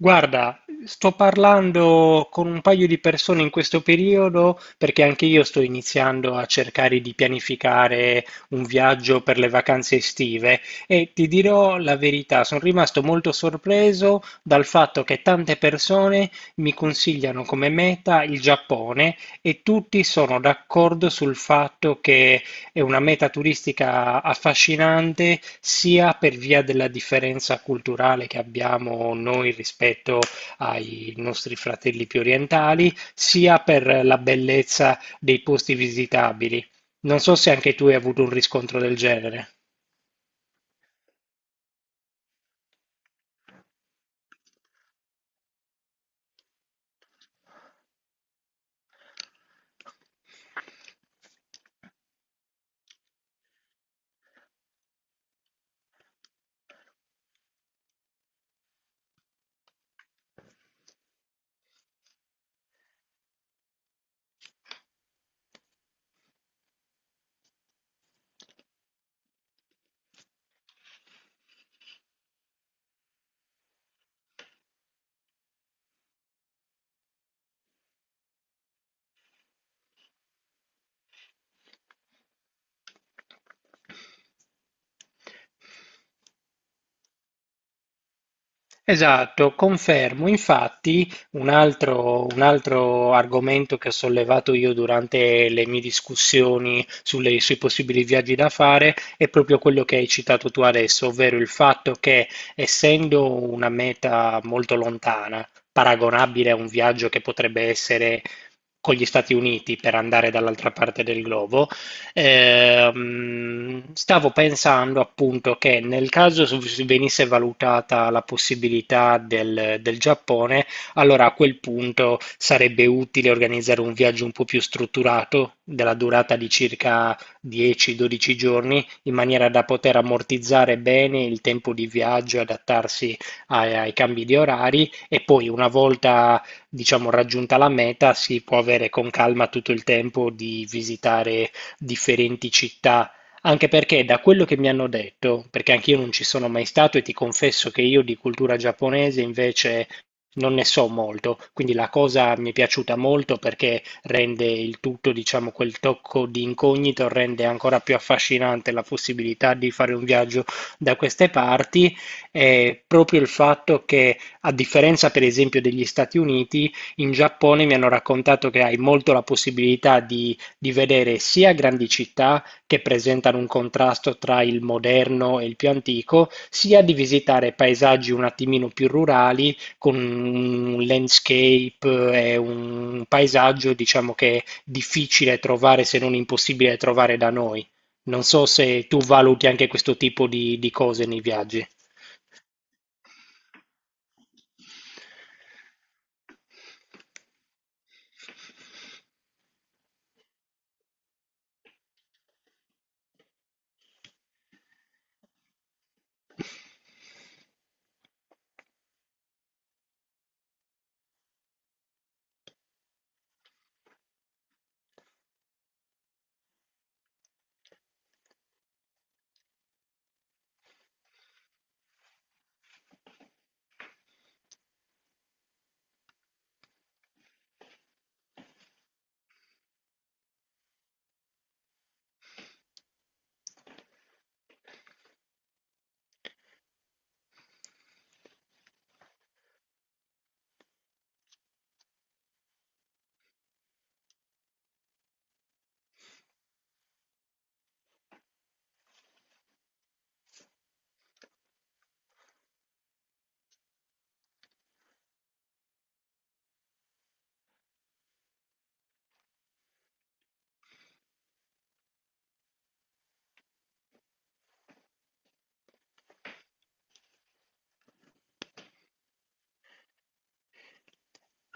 Guarda, sto parlando con un paio di persone in questo periodo perché anche io sto iniziando a cercare di pianificare un viaggio per le vacanze estive e ti dirò la verità, sono rimasto molto sorpreso dal fatto che tante persone mi consigliano come meta il Giappone e tutti sono d'accordo sul fatto che è una meta turistica affascinante sia per via della differenza culturale che abbiamo noi rispetto ai nostri fratelli più orientali, sia per la bellezza dei posti visitabili. Non so se anche tu hai avuto un riscontro del genere. Esatto, confermo. Infatti, un altro argomento che ho sollevato io durante le mie discussioni sui possibili viaggi da fare è proprio quello che hai citato tu adesso, ovvero il fatto che, essendo una meta molto lontana, paragonabile a un viaggio che potrebbe essere con gli Stati Uniti per andare dall'altra parte del globo, stavo pensando appunto che nel caso venisse valutata la possibilità del Giappone, allora a quel punto sarebbe utile organizzare un viaggio un po' più strutturato, della durata di circa 10-12 giorni, in maniera da poter ammortizzare bene il tempo di viaggio e adattarsi ai cambi di orari e poi una volta, diciamo, raggiunta la meta, si può avere con calma tutto il tempo di visitare differenti città, anche perché da quello che mi hanno detto, perché anch'io non ci sono mai stato e ti confesso che io di cultura giapponese invece non ne so molto, quindi la cosa mi è piaciuta molto perché rende il tutto, diciamo, quel tocco di incognito, rende ancora più affascinante la possibilità di fare un viaggio da queste parti e proprio il fatto che, a differenza per esempio degli Stati Uniti, in Giappone mi hanno raccontato che hai molto la possibilità di vedere sia grandi città che presentano un contrasto tra il moderno e il più antico, sia di visitare paesaggi un attimino più rurali con un landscape e un paesaggio, diciamo che è difficile trovare, se non impossibile trovare da noi. Non so se tu valuti anche questo tipo di cose nei viaggi.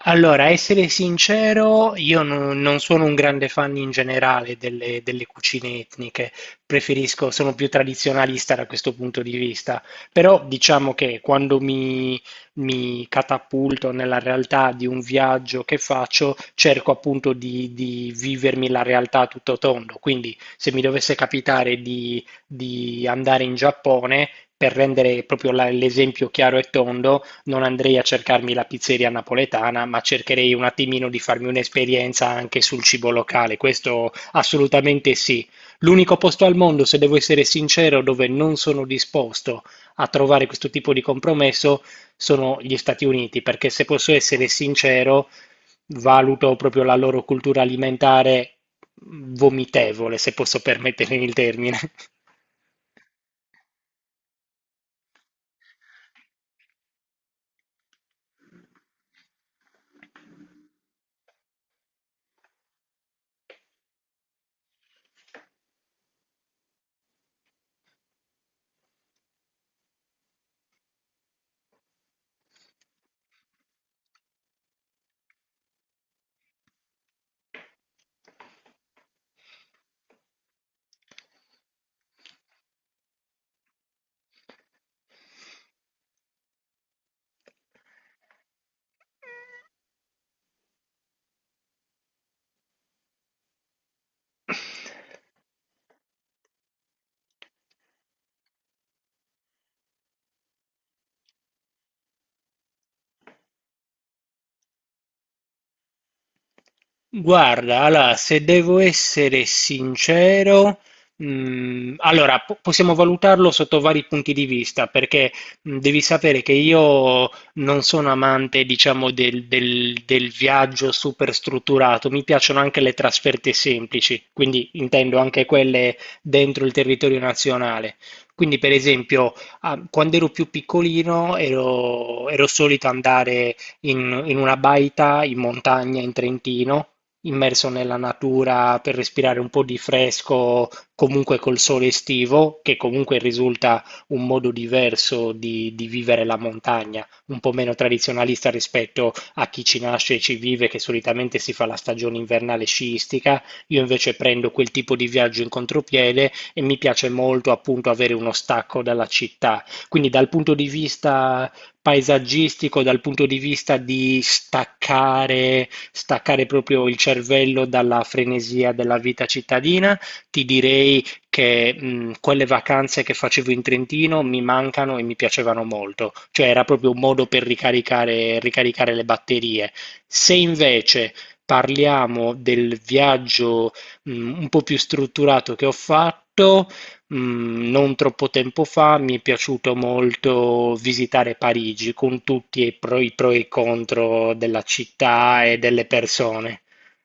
Allora, a essere sincero, io non sono un grande fan in generale delle cucine etniche, preferisco, sono più tradizionalista da questo punto di vista, però diciamo che quando mi catapulto nella realtà di un viaggio che faccio, cerco appunto di vivermi la realtà a tutto tondo, quindi se mi dovesse capitare di andare in Giappone, per rendere proprio l'esempio chiaro e tondo, non andrei a cercarmi la pizzeria napoletana, ma cercherei un attimino di farmi un'esperienza anche sul cibo locale. Questo assolutamente sì. L'unico posto al mondo, se devo essere sincero, dove non sono disposto a trovare questo tipo di compromesso sono gli Stati Uniti, perché se posso essere sincero, valuto proprio la loro cultura alimentare vomitevole, se posso permettermi il termine. Guarda, allora, se devo essere sincero, allora possiamo valutarlo sotto vari punti di vista, perché devi sapere che io non sono amante, diciamo, del, del viaggio super strutturato, mi piacciono anche le trasferte semplici, quindi intendo anche quelle dentro il territorio nazionale. Quindi, per esempio, ah, quando ero più piccolino ero solito andare in una baita in montagna in Trentino immerso nella natura per respirare un po' di fresco, comunque col sole estivo, che comunque risulta un modo diverso di vivere la montagna, un po' meno tradizionalista rispetto a chi ci nasce e ci vive, che solitamente si fa la stagione invernale sciistica. Io invece prendo quel tipo di viaggio in contropiede e mi piace molto appunto avere uno stacco dalla città. Quindi dal punto di vista paesaggistico dal punto di vista di staccare, staccare proprio il cervello dalla frenesia della vita cittadina, ti direi che quelle vacanze che facevo in Trentino mi mancano e mi piacevano molto, cioè era proprio un modo per ricaricare, ricaricare le batterie. Se invece parliamo del viaggio un po' più strutturato che ho fatto, non troppo tempo fa mi è piaciuto molto visitare Parigi con tutti i pro e i contro della città e delle persone.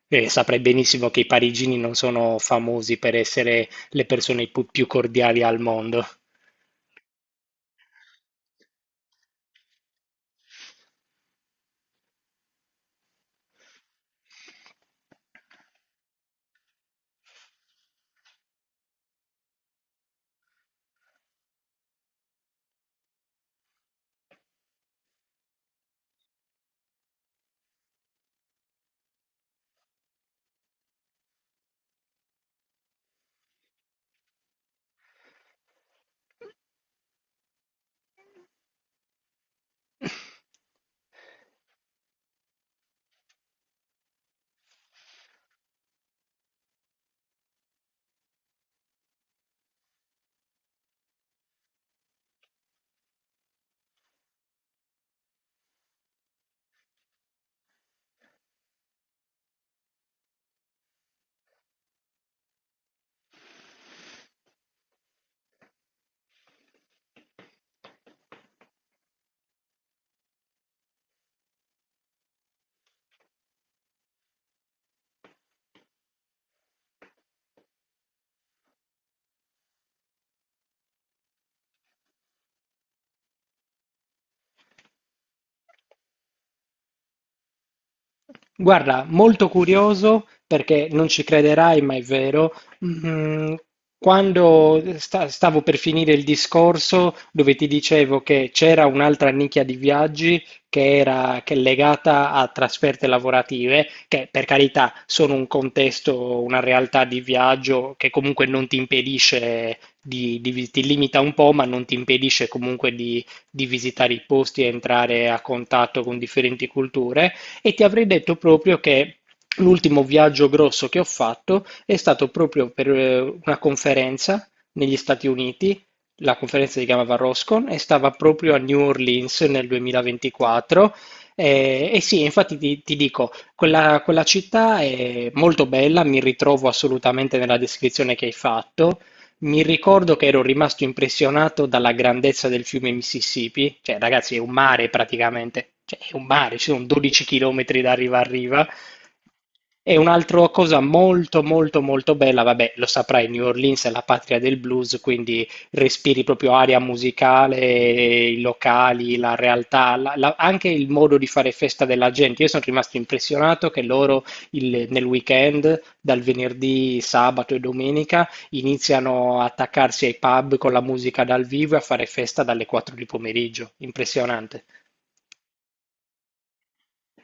E saprai benissimo che i parigini non sono famosi per essere le persone più cordiali al mondo. Guarda, molto curioso perché non ci crederai, ma è vero. Mm, Quando stavo per finire il discorso dove ti dicevo che c'era un'altra nicchia di viaggi che era che è legata a trasferte lavorative, che per carità sono un contesto, una realtà di viaggio che comunque non ti impedisce di, ti limita un po', ma non ti impedisce comunque di visitare i posti e entrare a contatto con differenti culture. E ti avrei detto proprio che l'ultimo viaggio grosso che ho fatto è stato proprio per una conferenza negli Stati Uniti. La conferenza si chiamava Roscon e stava proprio a New Orleans nel 2024. E, sì, infatti ti dico, quella città è molto bella, mi ritrovo assolutamente nella descrizione che hai fatto. Mi ricordo che ero rimasto impressionato dalla grandezza del fiume Mississippi, cioè ragazzi è un mare praticamente, cioè è un mare, ci sono 12 chilometri da riva a riva. E un'altra cosa molto molto molto bella, vabbè, lo saprai, New Orleans è la patria del blues, quindi respiri proprio aria musicale, i locali, la realtà, anche il modo di fare festa della gente. Io sono rimasto impressionato che loro nel weekend, dal venerdì, sabato e domenica, iniziano a attaccarsi ai pub con la musica dal vivo e a fare festa dalle 4 di pomeriggio. Impressionante.